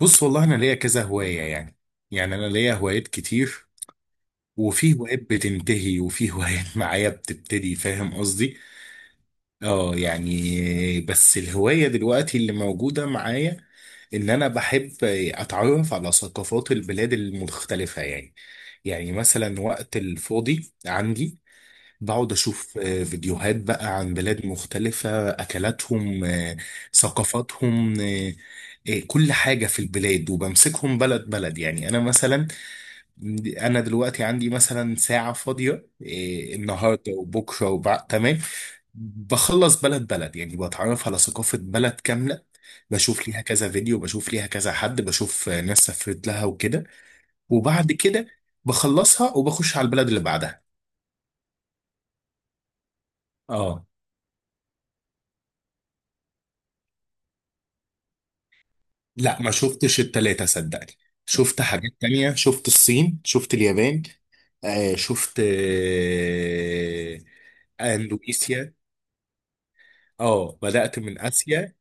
بص، والله انا ليا كذا هوايه يعني انا ليا هوايات كتير. وفي هوايات بتنتهي، وفي هوايات معايا بتبتدي، فاهم قصدي؟ اه يعني بس الهوايه دلوقتي اللي موجوده معايا ان انا بحب اتعرف على ثقافات البلاد المختلفه يعني مثلا وقت الفاضي عندي بقعد أشوف فيديوهات بقى عن بلاد مختلفة، أكلاتهم، ثقافاتهم، كل حاجة في البلاد، وبمسكهم بلد بلد يعني. أنا مثلا، أنا دلوقتي عندي مثلا ساعة فاضية النهاردة وبكرة وبعد، تمام، بخلص بلد بلد، يعني بتعرف على ثقافة بلد كاملة، بشوف ليها كذا فيديو، بشوف ليها كذا حد، بشوف ناس سافرت لها وكده. وبعد كده بخلصها وبخش على البلد اللي بعدها. اه، لا ما شفتش التلاتة صدقني. شفت حاجات تانية، شفت الصين، شفت اليابان، شفت اندونيسيا. اه بدأت من آسيا.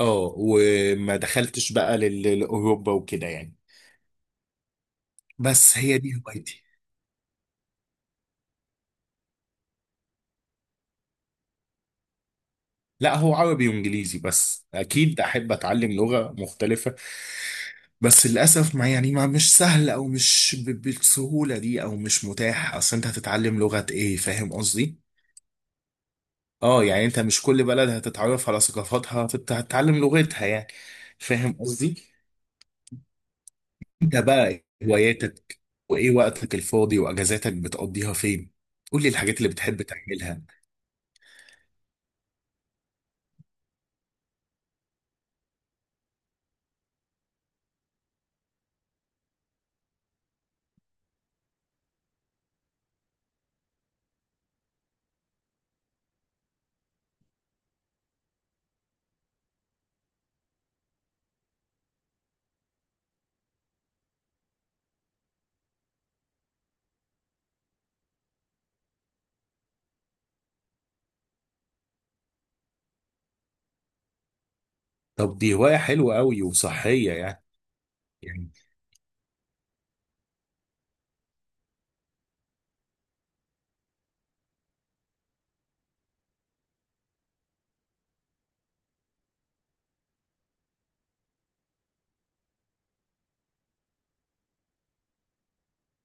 اه، وما دخلتش بقى لأوروبا وكده يعني. بس هي دي هوايتي. لا، هو عربي وانجليزي بس، اكيد احب اتعلم لغة مختلفة. بس للاسف ما يعني، ما مش سهل، او مش بالسهولة دي، او مش متاح. اصل انت هتتعلم لغة ايه، فاهم قصدي؟ اه يعني انت مش كل بلد هتتعرف على ثقافاتها فانت هتتعلم لغتها يعني. فاهم قصدي. انت بقى إيه هواياتك، وايه وقتك الفاضي، واجازاتك بتقضيها فين؟ قول لي الحاجات اللي بتحب تعملها. طب دي هواية حلوة قوي وصحية يعني. يعني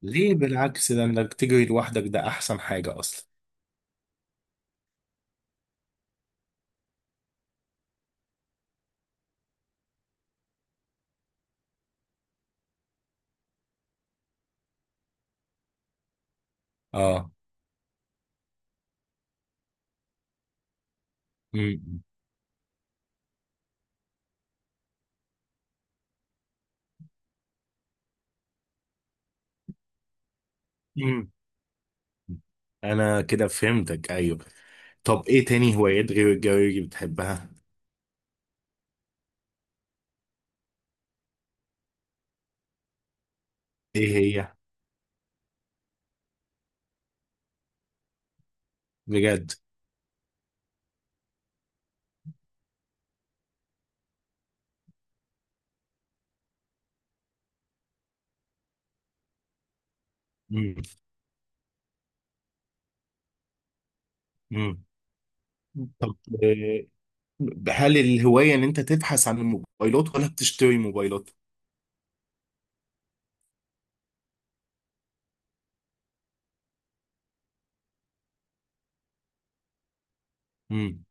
ليه؟ بالعكس، ده انك تجري لوحدك ده احسن حاجة اصلا. اه. امم. امم. انا كده فهمتك، ايوه. طب ايه تاني هوايات غير الجري بتحبها؟ ايه هي؟ بجد؟ امم. امم. طب هل الهواية ان انت تبحث عن الموبايلات ولا بتشتري موبايلات؟ امم.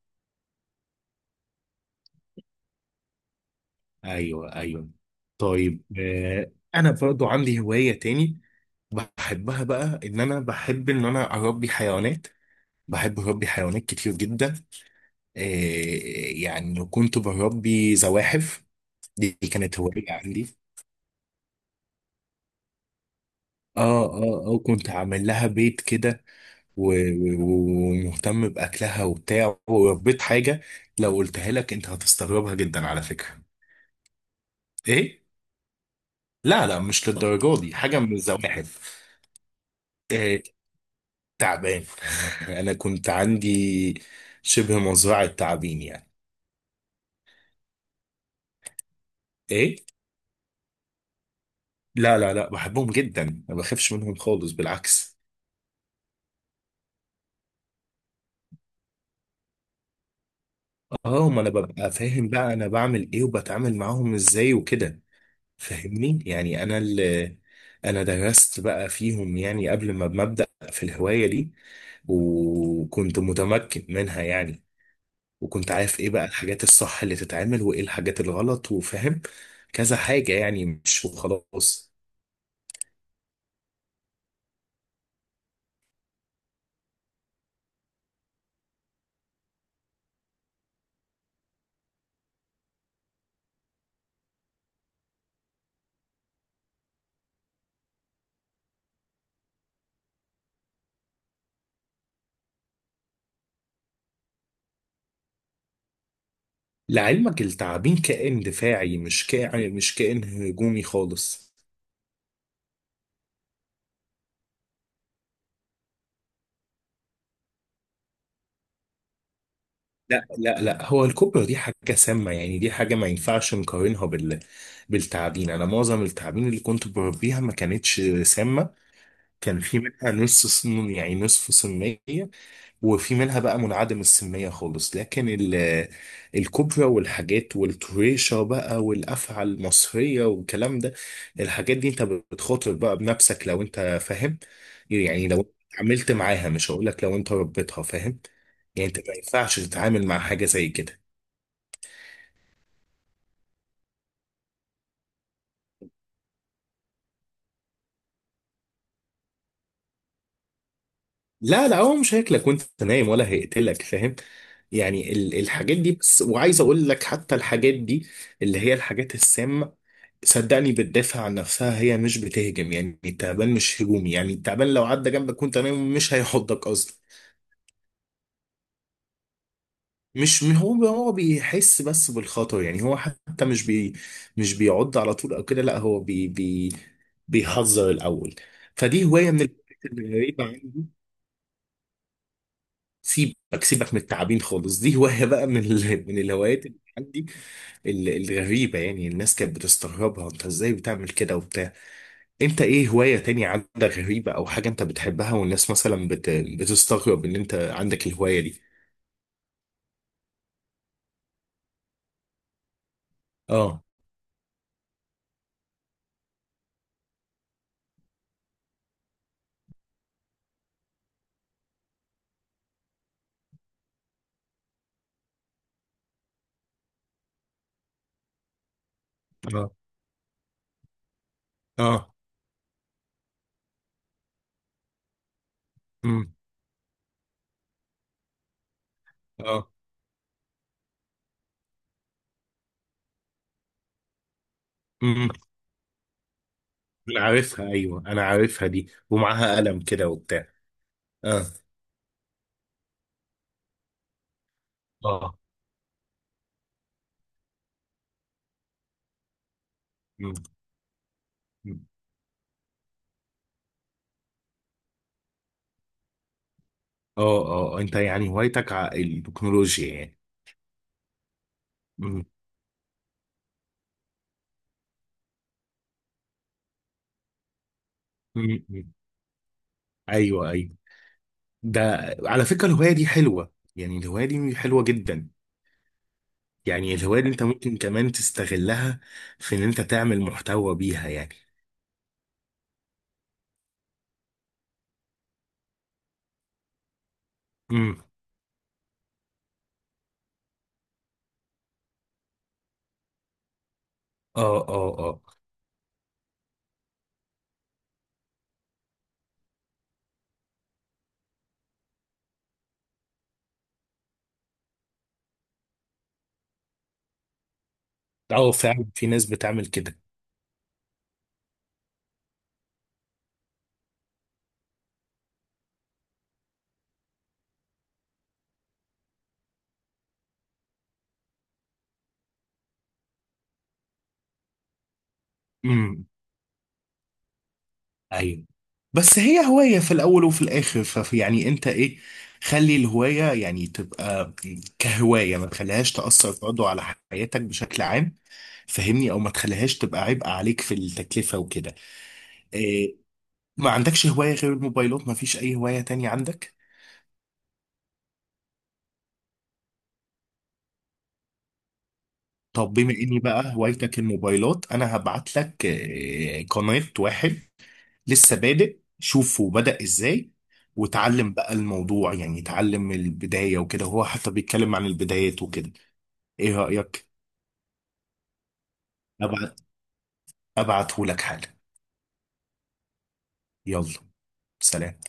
ايوه ايوه. طيب انا برضو عندي هواية تاني بحبها بقى، ان انا بحب ان انا اربي حيوانات. بحب اربي حيوانات كتير جدا. آه يعني كنت بربي زواحف. دي كانت هواية عندي. اه اه اه، كنت عامل لها بيت كده و- و- ومهتم باكلها وبتاع، وربيت حاجة لو قلتها لك انت هتستغربها جدا على فكرة. ايه؟ لا لا، مش للدرجه دي، حاجه من الزواحف. إيه؟ تعبان. انا كنت عندي شبه مزرعه تعابين يعني. ايه؟ لا لا لا، بحبهم جدا، ما بخافش منهم خالص، بالعكس. اه، ما انا ببقى فاهم بقى انا بعمل ايه وبتعامل معاهم ازاي وكده. فاهمني؟ يعني انا درست بقى فيهم يعني، قبل ما ببدأ في الهوايه دي. وكنت متمكن منها يعني، وكنت عارف ايه بقى الحاجات الصح اللي تتعمل، وايه الحاجات الغلط، وفاهم كذا حاجة يعني، مش وخلاص. لعلمك التعابين كائن دفاعي، مش كائن، هجومي خالص. لا لا لا، هو الكوبرا دي حاجة سامة يعني، دي حاجة ما ينفعش نقارنها بالتعابين. أنا معظم التعابين اللي كنت بربيها ما كانتش سامة. كان في منها نص صن يعني نصف صنية، وفي منها بقى منعدم السمية خالص. لكن الكوبرا والحاجات والطريشة بقى، والأفعى المصرية والكلام ده، الحاجات دي انت بتخاطر بقى بنفسك لو انت فاهم يعني. لو عملت معاها، مش هقولك لو انت ربيتها، فاهم؟ يعني انت ما ينفعش تتعامل مع حاجة زي كده. لا لا، هو مش هياكلك وانت نايم ولا هيقتلك، فاهم؟ يعني الحاجات دي بس. وعايز اقول لك، حتى الحاجات دي اللي هي الحاجات السامة، صدقني بتدافع عن نفسها، هي مش بتهجم يعني. التعبان مش هجومي يعني. التعبان لو عدى جنبك وانت نايم مش هيحضك اصلا. مش هو بيحس بس بالخطر يعني. هو حتى مش بيعض على طول او كده، لا هو بي بي بيحذر الاول. فدي هوايه من الهوايات الغريبه عندي. سيبك سيبك من التعابين خالص، دي هوايه بقى من الهوايات اللي عندي، الغريبه يعني. الناس كانت بتستغربها، انت ازاي بتعمل كده وبتاع؟ انت ايه هواية تانية عندك غريبة او حاجة انت بتحبها والناس مثلا بتستغرب ان انت عندك الهواية دي؟ اه اه اه. امم. اه. امم. انا عارفها ايوه، انا عارفها دي، ومعاها قلم كده وبتاع. اه. اه. مم. مم. اه اه اه، انت يعني هوايتك التكنولوجيا يعني. مم. مم. مم. ايوه ايوه. ده على فكرة الهواية دي حلوة يعني، الهواية دي حلوة جدا. يعني الهواية دي انت ممكن كمان تستغلها في ان انت تعمل محتوى بيها يعني. امم. اه اه اه اه، فعلا في ناس بتعمل كده. امم. ايوه. بس هي هواية في الأول وفي الآخر، ففي يعني أنت إيه، خلي الهواية يعني تبقى كهواية، ما تخليهاش تأثر برضه على حياتك بشكل عام، فهمني؟ أو ما تخليهاش تبقى عبء عليك في التكلفة وكده. إيه؟ ما عندكش هواية غير الموبايلات؟ ما فيش أي هواية تانية عندك؟ طب بما إني بقى هوايتك الموبايلات، أنا هبعت لك إيه، قناة واحد لسه بادئ، شوفه بدأ ازاي، وتعلم بقى الموضوع، يعني تعلم البداية وكده، هو حتى بيتكلم عن البدايات وكده. ايه رأيك؟ ابعت ابعته لك حالا. يلا، سلام.